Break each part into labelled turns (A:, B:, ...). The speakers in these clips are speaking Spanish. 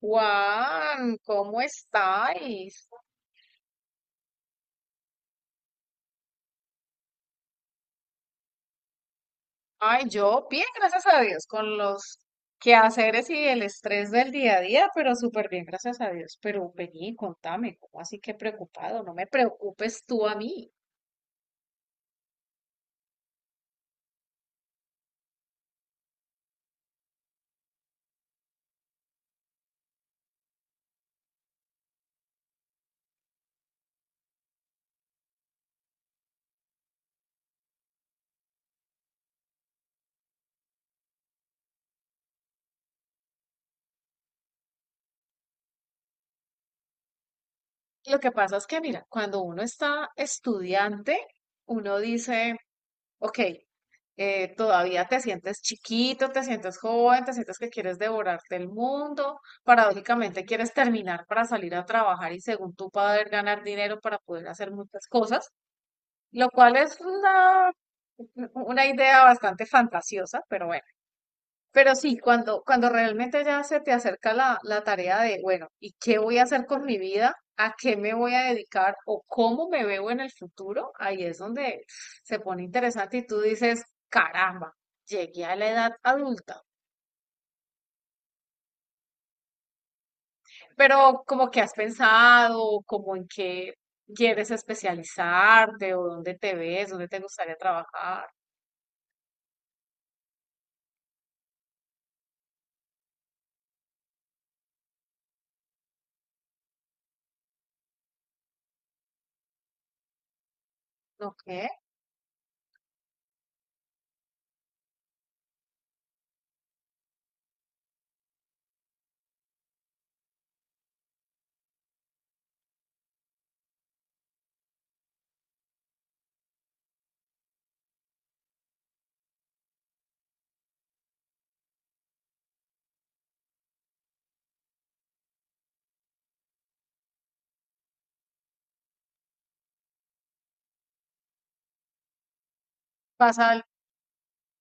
A: Juan, ¿cómo estáis? Ay, yo bien, gracias a Dios, con los quehaceres y el estrés del día a día, pero súper bien, gracias a Dios. Pero vení, contame, ¿cómo así que preocupado? No me preocupes tú a mí. Lo que pasa es que, mira, cuando uno está estudiante, uno dice, Ok, todavía te sientes chiquito, te sientes joven, te sientes que quieres devorarte el mundo, paradójicamente quieres terminar para salir a trabajar y según tú poder ganar dinero para poder hacer muchas cosas, lo cual es una idea bastante fantasiosa, pero bueno. Pero sí, cuando realmente ya se te acerca la tarea de, bueno, ¿y qué voy a hacer con mi vida? ¿A qué me voy a dedicar? ¿O cómo me veo en el futuro? Ahí es donde se pone interesante y tú dices, caramba, llegué a la edad adulta. Pero como que has pensado, como en qué quieres especializarte o dónde te ves, dónde te gustaría trabajar, ¿no qué? ¿Pasa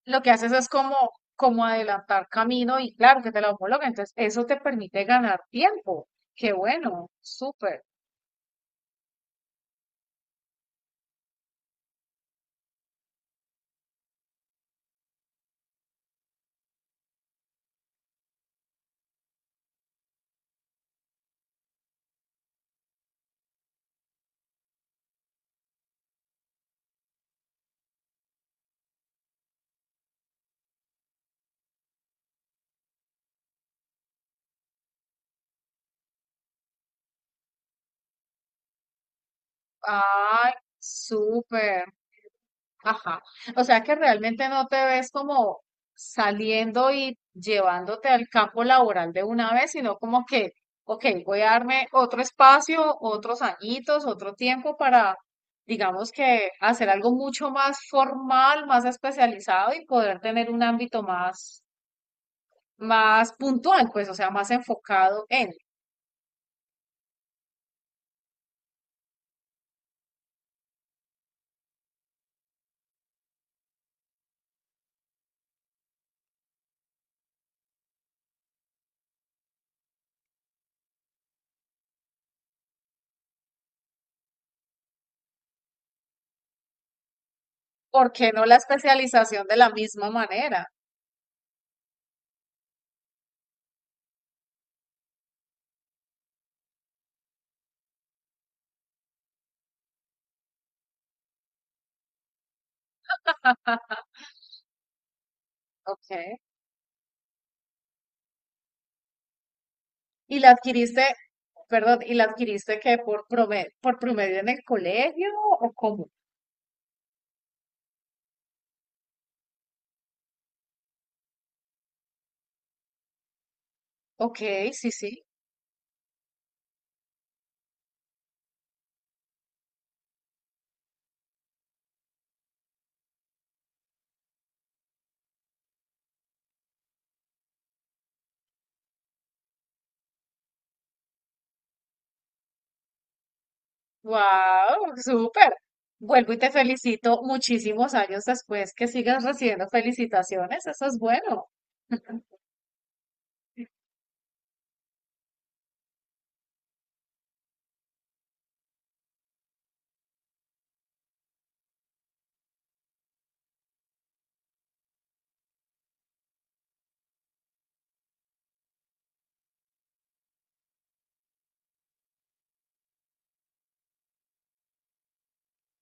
A: lo que haces es como, como adelantar camino y claro que te la homologan? Entonces, eso te permite ganar tiempo. Qué bueno, súper. Ay, súper. Ajá. O sea que realmente no te ves como saliendo y llevándote al campo laboral de una vez, sino como que, ok, voy a darme otro espacio, otros añitos, otro tiempo para, digamos que, hacer algo mucho más formal, más especializado y poder tener un ámbito más más puntual, pues, o sea, más enfocado en. ¿Por qué no la especialización de la misma manera? Ah, ok. ¿Y la adquiriste, perdón, y la adquiriste que por promedio en el colegio o cómo? Ok, sí, sí. Wow, súper. Vuelvo y te felicito muchísimos años después que sigas recibiendo felicitaciones. Eso es bueno.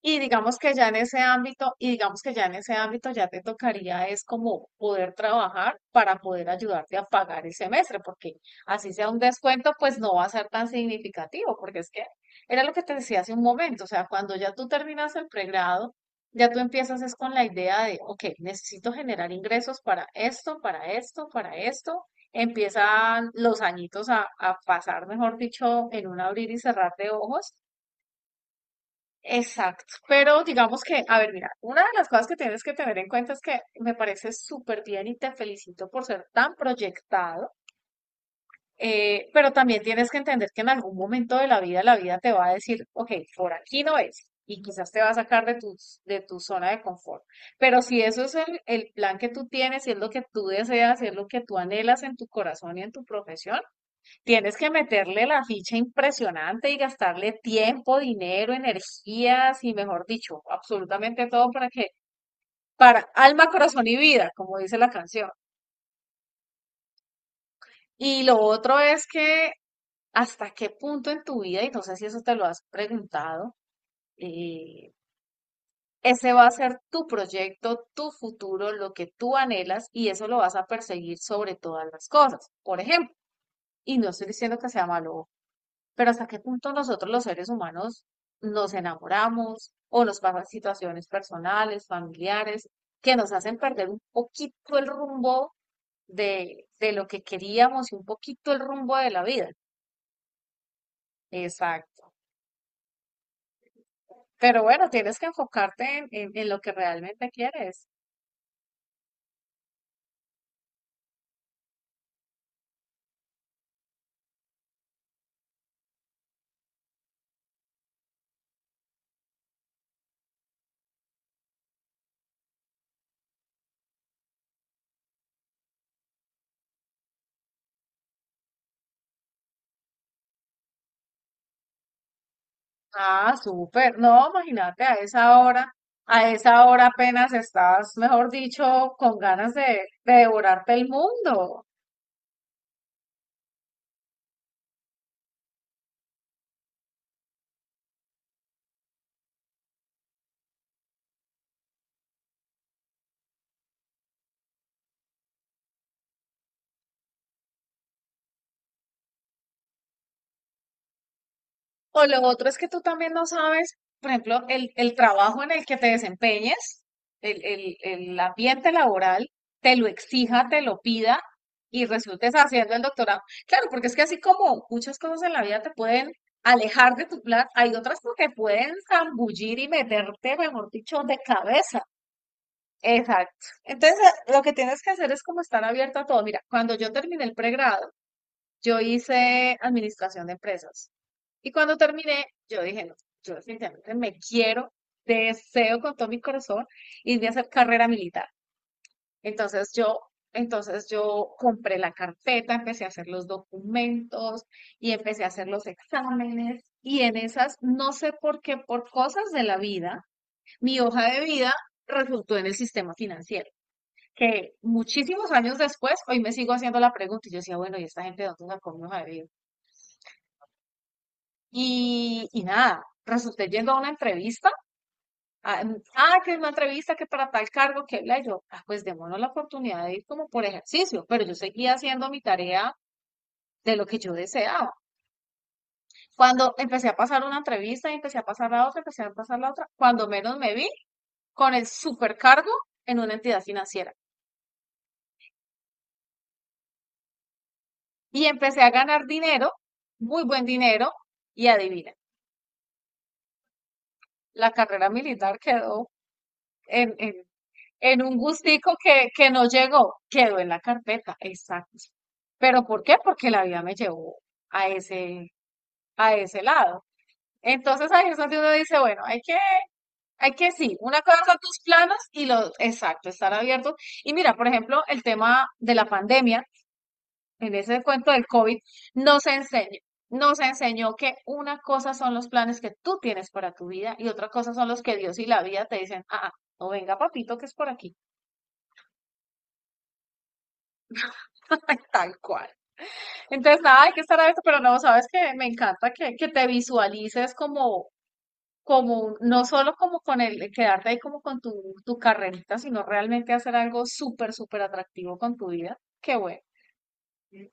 A: Y digamos que ya en ese ámbito, y digamos que ya en ese ámbito ya te tocaría es como poder trabajar para poder ayudarte a pagar el semestre, porque así sea un descuento, pues no va a ser tan significativo, porque es que era lo que te decía hace un momento, o sea, cuando ya tú terminas el pregrado, ya tú empiezas es con la idea de, ok, necesito generar ingresos para esto, para esto, para esto. Empiezan los añitos a pasar, mejor dicho, en un abrir y cerrar de ojos. Exacto, pero digamos que, a ver, mira, una de las cosas que tienes que tener en cuenta es que me parece súper bien y te felicito por ser tan proyectado, pero también tienes que entender que en algún momento de la vida te va a decir, ok, por aquí no es, y quizás te va a sacar de de tu zona de confort. Pero si eso es el plan que tú tienes, si es lo que tú deseas, si es lo que tú anhelas en tu corazón y en tu profesión, tienes que meterle la ficha impresionante y gastarle tiempo, dinero, energías y, mejor dicho, absolutamente todo para que, para alma, corazón y vida, como dice la canción. Y lo otro es que hasta qué punto en tu vida, y no sé si eso te lo has preguntado, eh, ese va a ser tu proyecto, tu futuro, lo que tú anhelas y eso lo vas a perseguir sobre todas las cosas. Por ejemplo, y no estoy diciendo que sea malo, pero hasta qué punto nosotros los seres humanos nos enamoramos o nos pasan situaciones personales, familiares, que nos hacen perder un poquito el rumbo de lo que queríamos y un poquito el rumbo de la vida. Exacto. Pero bueno, tienes que enfocarte en, en lo que realmente quieres. Ah, súper. No, imagínate a esa hora apenas estás, mejor dicho, con ganas de devorarte el mundo. O lo otro es que tú también no sabes, por ejemplo, el trabajo en el que te desempeñes, el ambiente laboral, te lo exija, te lo pida y resultes haciendo el doctorado. Claro, porque es que así como muchas cosas en la vida te pueden alejar de tu plan, hay otras que te pueden zambullir y meterte, mejor dicho, de cabeza. Exacto. Entonces, lo que tienes que hacer es como estar abierto a todo. Mira, cuando yo terminé el pregrado, yo hice administración de empresas. Y cuando terminé, yo dije, no, yo definitivamente me quiero, deseo con todo mi corazón irme a hacer carrera militar. Entonces yo, entonces yo compré la carpeta, empecé a hacer los documentos y empecé a hacer los exámenes. Y en esas, no sé por qué, por cosas de la vida, mi hoja de vida resultó en el sistema financiero. Que muchísimos años después, hoy me sigo haciendo la pregunta y yo decía, bueno, ¿y esta gente de dónde sacó mi hoja de vida? Y nada, resulté yendo a una entrevista. Ah, mm, ah, que es una entrevista que para tal cargo que bla, y yo, ah, pues démonos la oportunidad de ir como por ejercicio, pero yo seguía haciendo mi tarea de lo que yo deseaba. Cuando empecé a pasar una entrevista y empecé a pasar la otra, empecé a pasar la otra, cuando menos me vi con el supercargo en una entidad financiera. Y empecé a ganar dinero, muy buen dinero, y adivina, la carrera militar quedó en, en en un gustico que no llegó, quedó en la carpeta, exacto. ¿Pero por qué? Porque la vida me llevó a ese, a ese lado. Entonces ahí es donde uno dice, bueno, hay que sí, una cosa son tus planos y los, exacto, estar abiertos. Y mira, por ejemplo, el tema de la pandemia, en ese cuento del COVID, nos enseñó, nos enseñó que una cosa son los planes que tú tienes para tu vida y otra cosa son los que Dios y la vida te dicen, ah, ah, no venga papito que es por aquí. Tal cual. Entonces, nada, hay que estar abierto, pero no, sabes que me encanta que te visualices como, como, no solo como con el quedarte ahí como con tu, tu carrerita, sino realmente hacer algo súper, súper atractivo con tu vida. Qué bueno. De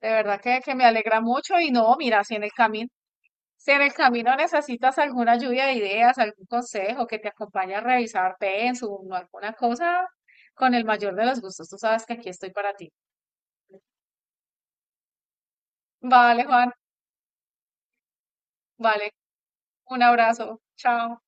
A: verdad que me alegra mucho y no, mira, si en el camino, si en el camino necesitas alguna lluvia de ideas, algún consejo que te acompañe a revisar Pensum o alguna cosa, con el mayor de los gustos, tú sabes que aquí estoy para ti. Vale, Juan, vale, un abrazo, chao.